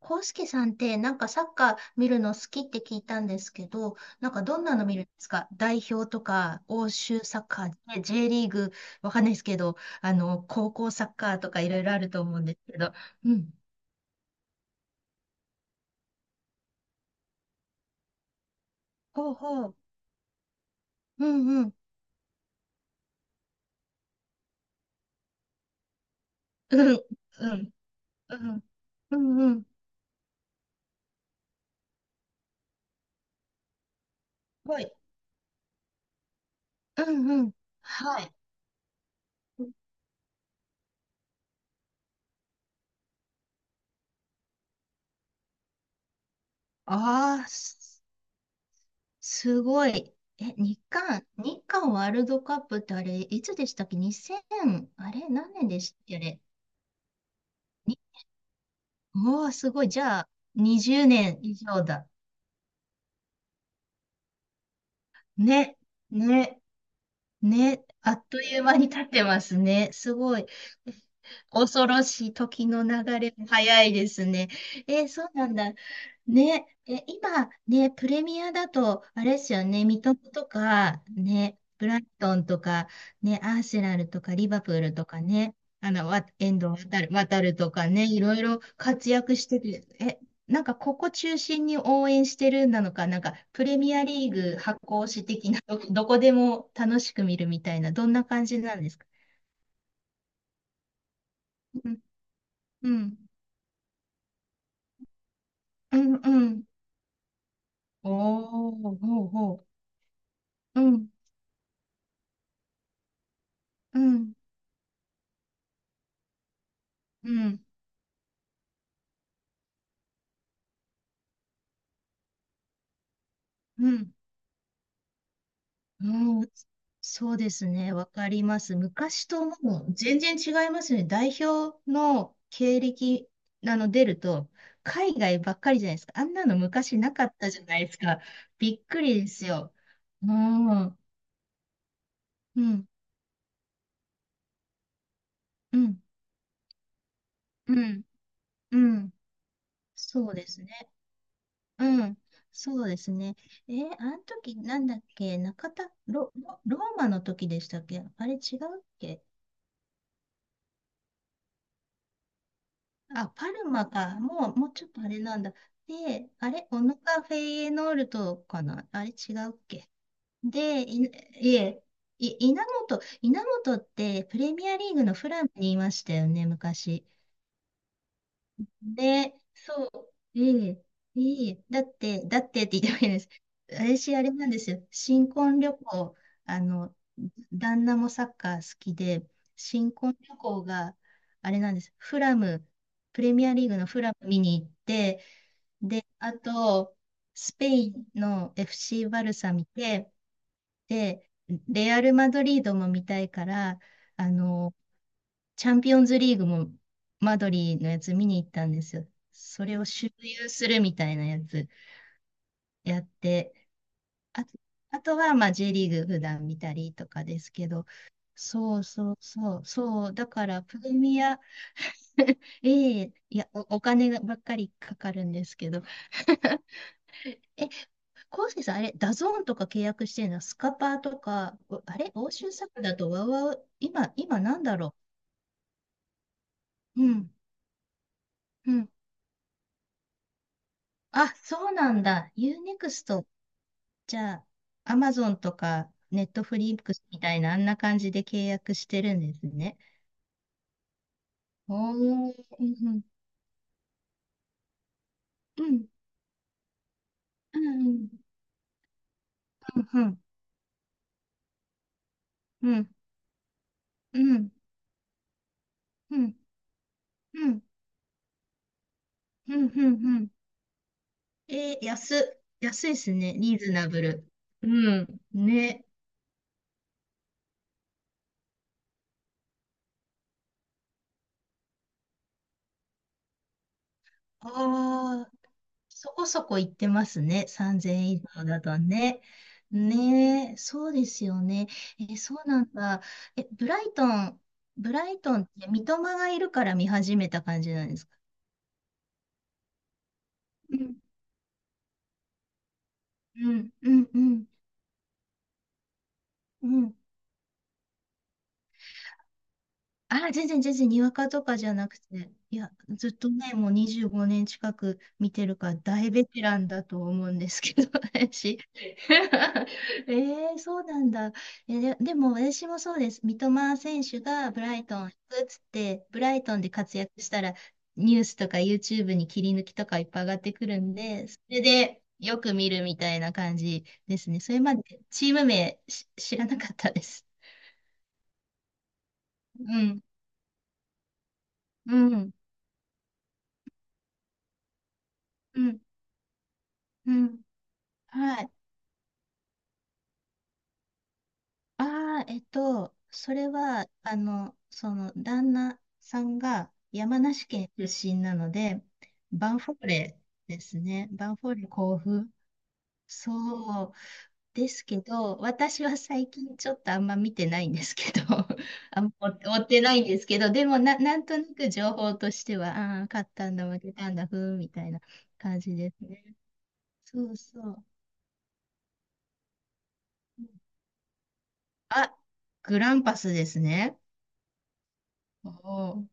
コウスケさんってなんかサッカー見るの好きって聞いたんですけど、なんかどんなの見るんですか？代表とか、欧州サッカー、ね、 J リーグ、わかんないですけど、高校サッカーとかいろいろあると思うんですけど。うん。ほうほう。うんうん。うん。うん。うん。うんうん。はい。うんうん。はい。ああ、すごい。え、日韓ワールドカップってあれ、いつでしたっけ？ 2000、あれ何年でしたっけあれ？おー、すごい。じゃあ、20年以上だ。ね、ね、ね。あっという間に経ってますね。すごい。恐ろしい、時の流れも早いですね。えそうなんだ。ね、え、今ね、プレミアだと、あれですよね、三笘とか、ね、ブライトンとか、ね、アーセナルとか、リバプールとかね、遠藤、渡るとかね、いろいろ活躍してる。え、なんかここ中心に応援してるなのか、なんかプレミアリーグ発行し的な、どこでも楽しく見るみたいな、どんな感じなんですか？うん、うん、うん、うん。おー、ほうほう。うん、うん、うん、うん、うん。そうですね。わかります。昔ともう全然違いますね。代表の経歴、出ると、海外ばっかりじゃないですか。あんなの昔なかったじゃないですか。びっくりですよ。うん、うん、うん、うん、うん。そうですね。うん、そうですね。えー、あの時なんだっけ、中田、ロローマの時でしたっけ、あれ違うっけ？あ、パルマか。もうちょっとあれなんだ。で、あれ、オノカフェイエノールトかな、あれ違うっけ？で、い、いえ、い、稲本、稲本ってプレミアリーグのフラムにいましたよね、昔。で、そう、ええ、ええ、だってって言ってもいいです。私、あれなんですよ。新婚旅行、あの、旦那もサッカー好きで、新婚旅行が、あれなんです。フラム、プレミアリーグのフラム見に行って、で、あと、スペインの FC バルサ見て、で、レアル・マドリードも見たいから、あの、チャンピオンズリーグもマドリーのやつ見に行ったんですよ。それを周遊するみたいなやつやって、あ、あとは、まあ、J リーグ普段見たりとかですけど、そう、だから、プレミア、ええ、いや、お金ばっかりかかるんですけど。え、コウスケさん、あれ、ダゾーンとか契約してるの？スカパーとか、おあれ、欧州サッカーだと、ワウワウ、今なんだろう。うん、うん。あ、そうなんだ。ユーネクスト、じゃあ、アマゾンとか、ネットフリックスみたいな、あんな感じで契約してるんですね。おー、うん、うん、うん、うん、うん、うん、うん、うん、うん、うん、うん。うん、えー、安いですね。リーズナブル。うん、ね。ああ、そこそこ行ってますね。3000円以上だとね。ねえ、そうですよね。え、そうなんだ。え、ブライトンって三笘がいるから見始めた感じなんですか？うん、うん、うん、うん、うん。ああ、全然全然、にわかとかじゃなくて、いや、ずっとね、もう25年近く見てるから大ベテランだと思うんですけど、私。えー、そうなんだ。え、でも私もそうです。三笘選手がブライトン行くっつって、ブライトンで活躍したら、ニュースとか YouTube に切り抜きとかいっぱい上がってくるんで、それでよく見るみたいな感じですね。それまでチーム名し知らなかったです。うん、うん、うん、うん。はい。ああ、えっと、それは、旦那さんが山梨県出身なので、バンフォーレですね。バンフォーレ甲府。そう。ですけど、私は最近ちょっとあんま見てないんですけど、あんま追ってないんですけど、でも、なんとなく情報としては、ああー、勝ったんだ、負けたんだ、ふーん、みたいな感じですね。そうそう。あ、グランパスですね。おー、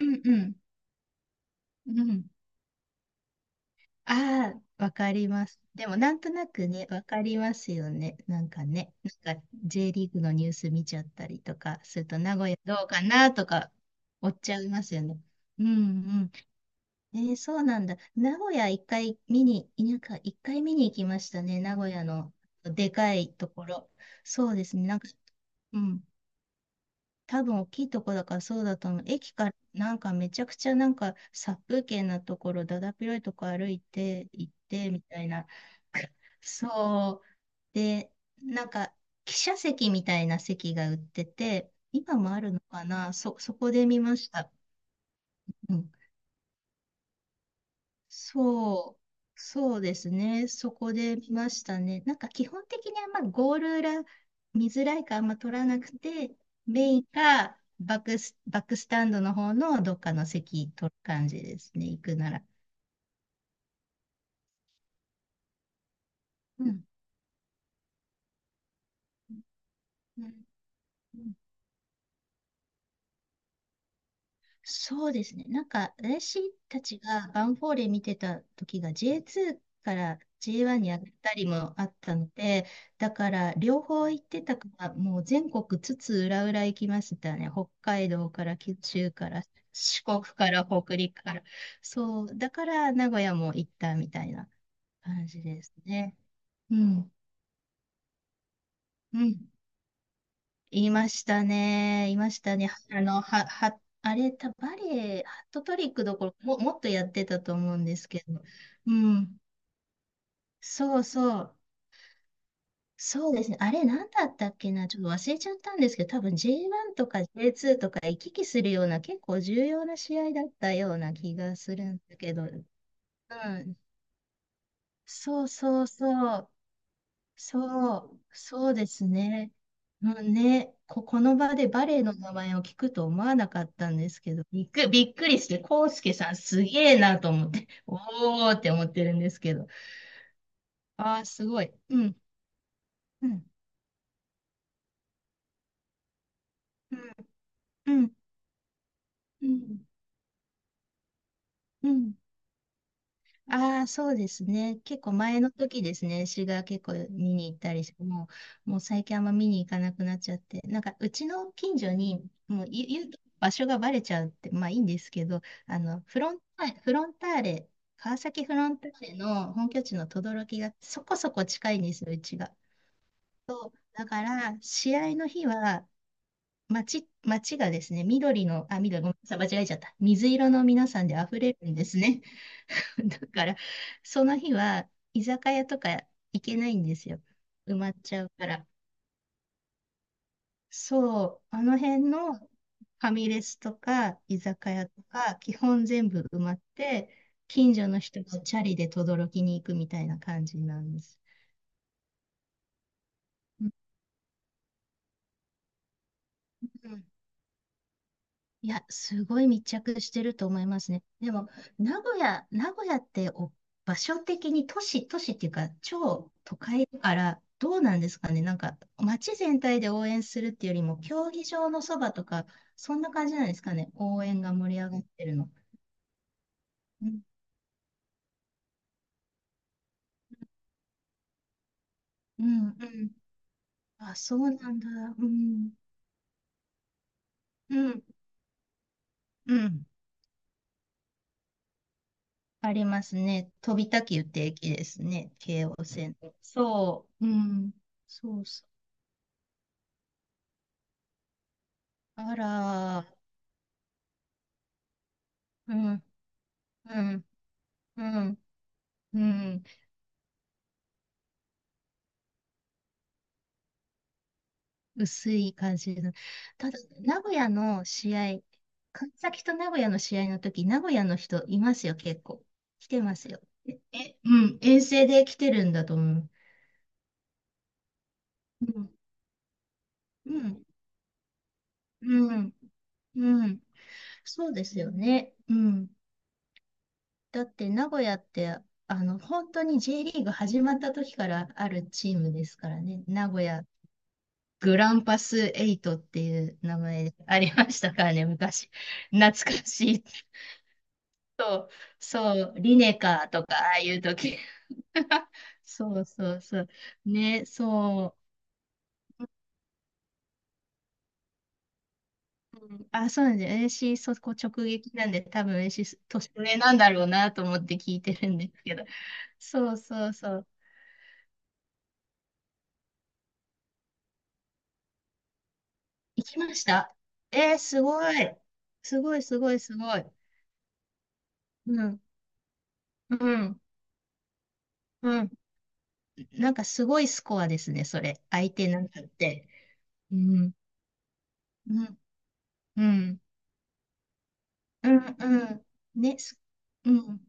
うんうん。うん。ああ、わかります。でも、なんとなくね、わかりますよね。なんかね、なんか J リーグのニュース見ちゃったりとかすると、名古屋どうかなとか、追っちゃいますよね。うんうん。えー、そうなんだ。名古屋一回見に、なんか一回見に行きましたね。名古屋のでかいところ。そうですね。なんか、うん。多分大きいとこだからそうだと思う。駅からなんかめちゃくちゃなんか殺風景なところ、だだっ広いとこ歩いて行ってみたいな。そう。で、なんか記者席みたいな席が売ってて、今もあるのかな、そこで見ました。うん。そそうですね。そこで見ましたね。なんか基本的にあんまゴール裏見づらいからあんま取らなくて、メインかバックスタンドの方のどっかの席取る感じですね。行くなら。うん。うん、そうですね。なんか、私たちがヴァンフォーレ見てた時が J2 から J1 に上がったりもあったので、だから両方行ってたから、もう全国津々浦々行きましたね。北海道から九州から四国から北陸から。そう、だから名古屋も行ったみたいな感じですね。うん。うん。いましたね。いましたね。あの、は、は、あれ、た、バレエ、ハットトリックどころ、もっとやってたと思うんですけど。うん。そうそう。そうですね。あれ、なんだったっけな。ちょっと忘れちゃったんですけど、多分 J1 とか J2 とか行き来するような、結構重要な試合だったような気がするんだけど。うん。そうそうそう。そうですね。もうんね、この場でバレエの名前を聞くと思わなかったんですけど、びっくりして、コウスケさんすげえなと思って、おーって思ってるんですけど。ああ、すごい。うん、うん、うん、うん、うん、うん。ああ、そうですね。結構前の時ですね。詩が結構見に行ったりして、もう最近あんま見に行かなくなっちゃって、なんかうちの近所に、もう言うと場所がバレちゃうって、まあいいんですけど、フロンターレ、川崎フロンターレの本拠地の等々力がそこそこ近いんですよ、うちが。だから、試合の日は、街がですね、緑の、あ、緑、ごめんなさい、間違えちゃった。水色の皆さんで溢れるんですね。だから、その日は居酒屋とか行けないんですよ。埋まっちゃうから。そう、あの辺のファミレスとか居酒屋とか、基本全部埋まって、近所の人がチャリで轟きに行くみたいな感じなんです。うん、いや、すごい密着してると思いますね。でも、名古屋ってお場所的に都市っていうか、超都会だから、どうなんですかね。なんか、街全体で応援するっていうよりも、競技場のそばとか、そんな感じなんですかね。応援が盛り上がってるの。うん、うん、うん。あ、そうなんだ。うん、うん、うん。ありますね。飛び田急って駅ですね。京王線。そう、うん。そうそう。あら、うん。うん、うん、うん、薄い感じの。ただ、名古屋の試合、川崎と名古屋の試合の時、名古屋の人いますよ、結構。来てますよ。え、うん、遠征で来てるんだと思う。うん、うん、うん、うん、そうですよね。うん。だって名古屋って、本当に J リーグ始まった時からあるチームですからね。名古屋グランパスエイトっていう名前でありましたからね、昔。懐かしい。そう、そう、リネカーとか、ああいう時。そうそうそう。ね、そう。うん、あ、そうなんで、私、そこ直撃なんで、多分私、年上なんだろうなと思って聞いてるんですけど。そうそうそう。行きました、えー、すごい。すごい、すごい、すごい。うん、うん、うん。なんかすごいスコアですね、それ。相手なんかって。うん、うん、うん、うん、うん。ね、す、うん。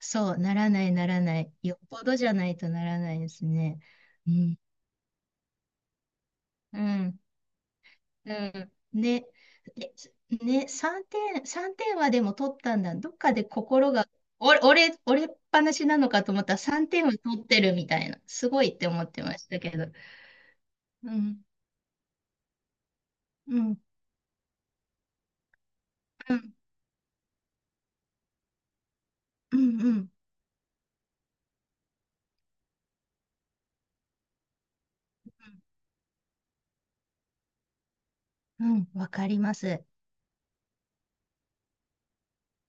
そう、ならない、ならない。よっぽどじゃないとならないですね。うん、うん、うん。ねでね、3点、3点はでも取ったんだ。どっかで心が、俺っぱなしなのかと思ったら3点は取ってるみたいな。すごいって思ってましたけど。うん、うん、うん、うん、うん、うん、わかります。